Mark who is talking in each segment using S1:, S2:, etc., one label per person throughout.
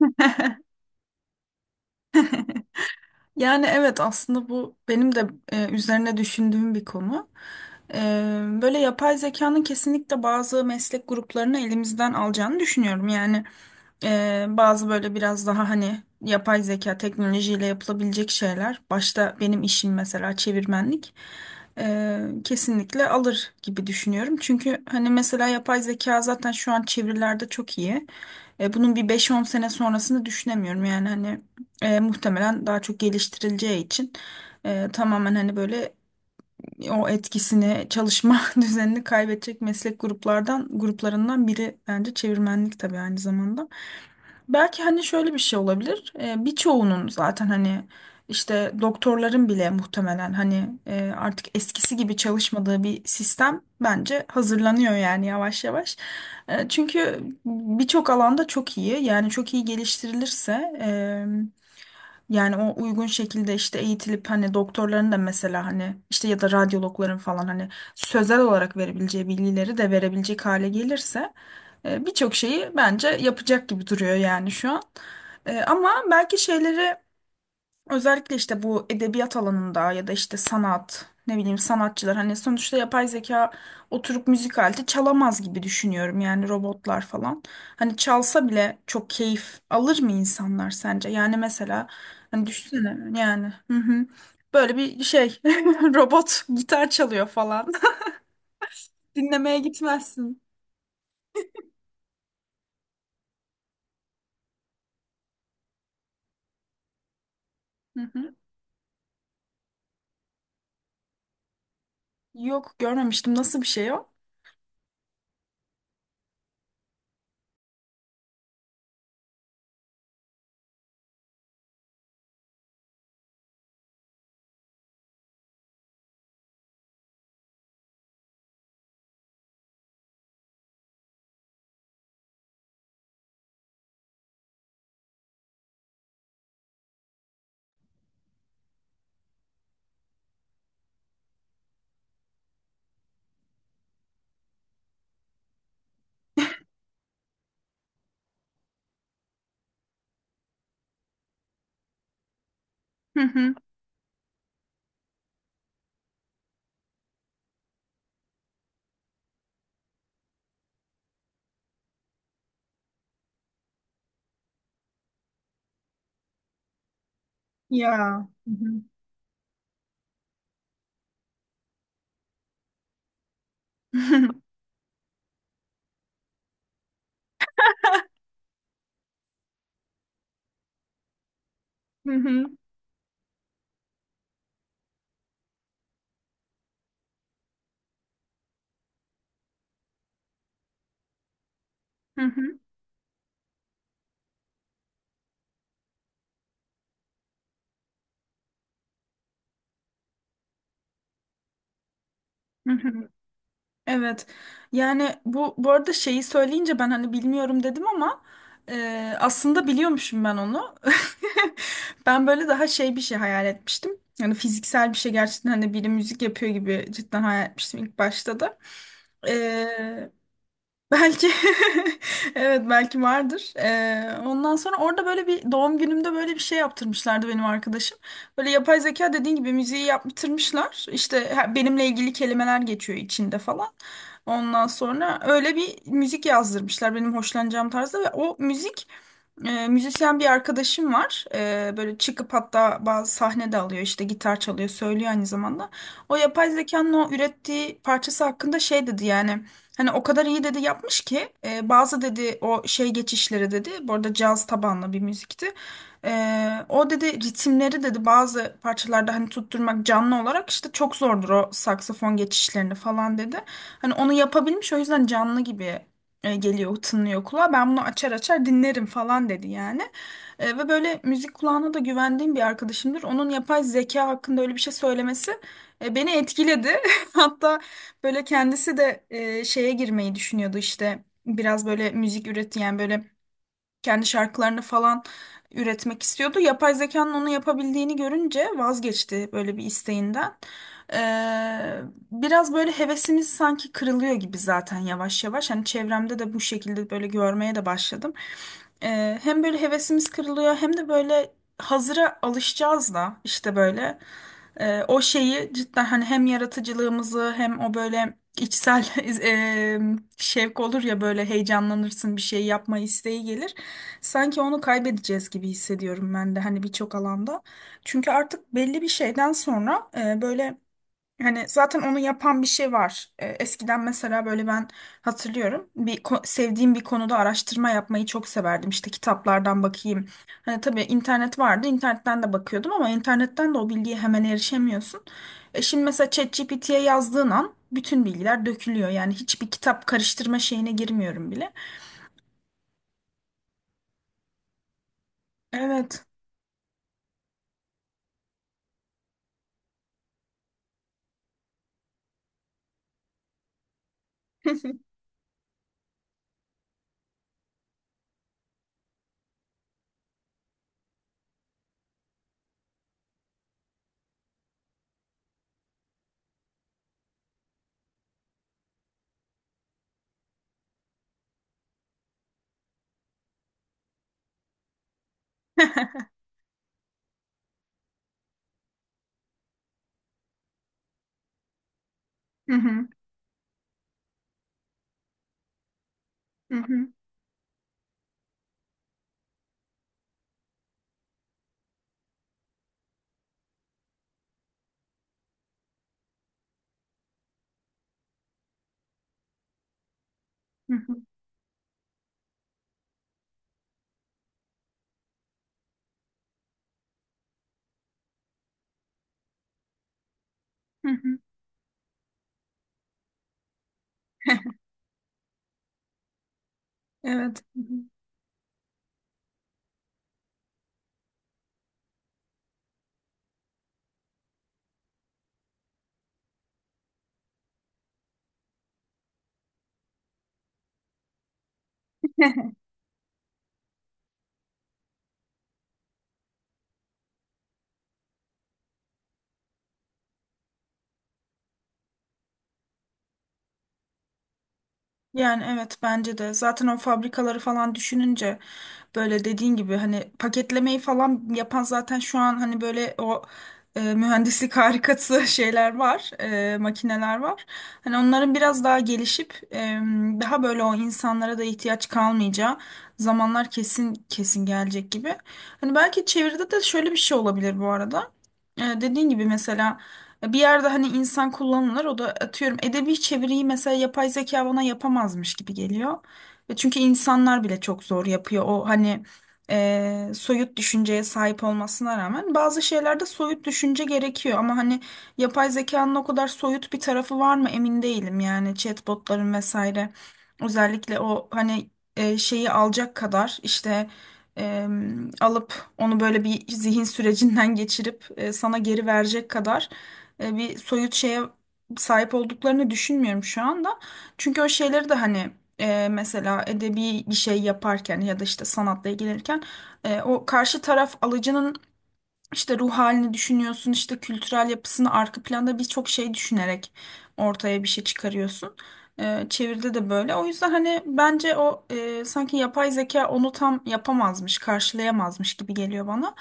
S1: Yani evet aslında bu benim de üzerine düşündüğüm bir konu. E, böyle yapay zekanın kesinlikle bazı meslek gruplarını elimizden alacağını düşünüyorum. Yani bazı böyle biraz daha hani yapay zeka teknolojiyle yapılabilecek şeyler. Başta benim işim mesela çevirmenlik. Kesinlikle alır gibi düşünüyorum. Çünkü hani mesela yapay zeka zaten şu an çevirilerde çok iyi. Bunun bir 5-10 sene sonrasını düşünemiyorum. Yani hani muhtemelen daha çok geliştirileceği için tamamen hani böyle o etkisini çalışma düzenini kaybedecek meslek gruplarından biri bence çevirmenlik tabii aynı zamanda. Belki hani şöyle bir şey olabilir. Birçoğunun zaten hani işte doktorların bile muhtemelen hani artık eskisi gibi çalışmadığı bir sistem bence hazırlanıyor yani yavaş yavaş. Çünkü birçok alanda çok iyi, yani çok iyi geliştirilirse, yani o uygun şekilde işte eğitilip hani doktorların da mesela hani işte ya da radyologların falan hani sözel olarak verebileceği bilgileri de verebilecek hale gelirse birçok şeyi bence yapacak gibi duruyor yani şu an. Ama belki şeyleri. Özellikle işte bu edebiyat alanında ya da işte sanat, ne bileyim, sanatçılar hani sonuçta yapay zeka oturup müzik aleti çalamaz gibi düşünüyorum, yani robotlar falan. Hani çalsa bile çok keyif alır mı insanlar sence? Yani mesela hani düşünsene yani, hı hı, böyle bir şey robot gitar çalıyor falan. Dinlemeye gitmezsin. Hı hı. Yok, görmemiştim. Nasıl bir şey o? Hı hı. Ya. Hı hı. Hı hı. Hı hı. Hı hı. Evet. Yani bu arada şeyi söyleyince ben hani bilmiyorum dedim, ama aslında biliyormuşum ben onu. Ben böyle daha şey bir şey hayal etmiştim. Yani fiziksel bir şey, gerçekten hani biri müzik yapıyor gibi cidden hayal etmiştim ilk başta da. Belki evet belki vardır. Ondan sonra orada böyle bir doğum günümde böyle bir şey yaptırmışlardı benim arkadaşım. Böyle yapay zeka dediğin gibi müziği yaptırmışlar. İşte benimle ilgili kelimeler geçiyor içinde falan. Ondan sonra öyle bir müzik yazdırmışlar benim hoşlanacağım tarzda ve o müzik. Müzisyen bir arkadaşım var. Böyle çıkıp hatta bazı sahne de alıyor, işte gitar çalıyor, söylüyor aynı zamanda. O yapay zekanın o ürettiği parçası hakkında şey dedi, yani hani o kadar iyi dedi yapmış ki bazı dedi o şey geçişleri dedi, bu arada caz tabanlı bir müzikti. O dedi ritimleri dedi bazı parçalarda hani tutturmak canlı olarak işte çok zordur o saksafon geçişlerini falan dedi. Hani onu yapabilmiş, o yüzden canlı gibi geliyor, tınlıyor kulağa. Ben bunu açar açar dinlerim falan dedi yani. Ve böyle müzik kulağına da güvendiğim bir arkadaşımdır. Onun yapay zeka hakkında öyle bir şey söylemesi beni etkiledi. Hatta böyle kendisi de şeye girmeyi düşünüyordu işte. Biraz böyle müzik üret yani, böyle kendi şarkılarını falan üretmek istiyordu. Yapay zekanın onu yapabildiğini görünce vazgeçti böyle bir isteğinden. Ee, biraz böyle hevesimiz sanki kırılıyor gibi zaten, yavaş yavaş. Hani çevremde de bu şekilde böyle görmeye de başladım. Hem böyle hevesimiz kırılıyor, hem de böyle hazıra alışacağız da işte böyle. O şeyi cidden hani hem yaratıcılığımızı hem o böyle içsel e, şevk olur ya, böyle heyecanlanırsın, bir şey yapma isteği gelir. Sanki onu kaybedeceğiz gibi hissediyorum ben de hani birçok alanda. Çünkü artık belli bir şeyden sonra böyle hani zaten onu yapan bir şey var. Eskiden mesela böyle ben hatırlıyorum bir sevdiğim bir konuda araştırma yapmayı çok severdim. İşte kitaplardan bakayım. Hani tabii internet vardı, internetten de bakıyordum, ama internetten de o bilgiye hemen erişemiyorsun. Şimdi mesela ChatGPT'ye yazdığın an bütün bilgiler dökülüyor. Yani hiçbir kitap karıştırma şeyine girmiyorum bile. Evet. Hı hı. Hı hı, hı hı, hı hı. Evet. Hı hı. Yani evet, bence de. Zaten o fabrikaları falan düşününce böyle dediğin gibi hani paketlemeyi falan yapan zaten şu an hani böyle o mühendislik harikası şeyler var, makineler var. Hani onların biraz daha gelişip daha böyle o insanlara da ihtiyaç kalmayacağı zamanlar kesin kesin gelecek gibi. Hani belki çeviride de şöyle bir şey olabilir bu arada. Dediğin gibi mesela. Bir yerde hani insan kullanılır, o da atıyorum edebi çeviriyi mesela yapay zeka bana yapamazmış gibi geliyor. Ve çünkü insanlar bile çok zor yapıyor o hani soyut düşünceye sahip olmasına rağmen bazı şeylerde soyut düşünce gerekiyor. Ama hani yapay zekanın o kadar soyut bir tarafı var mı emin değilim, yani chatbotların vesaire, özellikle o hani şeyi alacak kadar işte e, alıp onu böyle bir zihin sürecinden geçirip sana geri verecek kadar bir soyut şeye sahip olduklarını düşünmüyorum şu anda. Çünkü o şeyleri de hani mesela edebi bir şey yaparken ya da işte sanatla ilgilenirken o karşı taraf alıcının işte ruh halini düşünüyorsun, işte kültürel yapısını, arka planda birçok şey düşünerek ortaya bir şey çıkarıyorsun. Çeviride de böyle. O yüzden hani bence o sanki yapay zeka onu tam yapamazmış, karşılayamazmış gibi geliyor bana.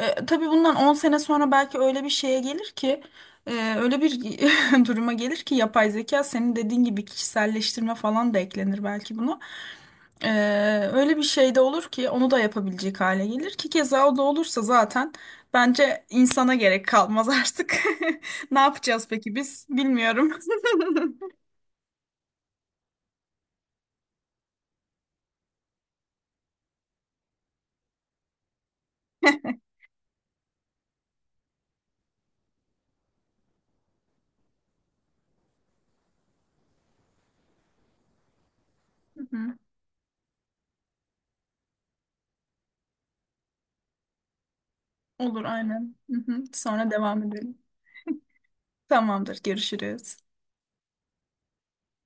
S1: Tabii bundan 10 sene sonra belki öyle bir şeye gelir ki, e, öyle bir duruma gelir ki yapay zeka, senin dediğin gibi kişiselleştirme falan da eklenir belki buna. Öyle bir şey de olur ki onu da yapabilecek hale gelir ki, keza o da olursa zaten bence insana gerek kalmaz artık. Ne yapacağız peki biz? Bilmiyorum. Hı hı. Olur, aynen. Hı hı. Sonra devam edelim. Tamamdır, görüşürüz.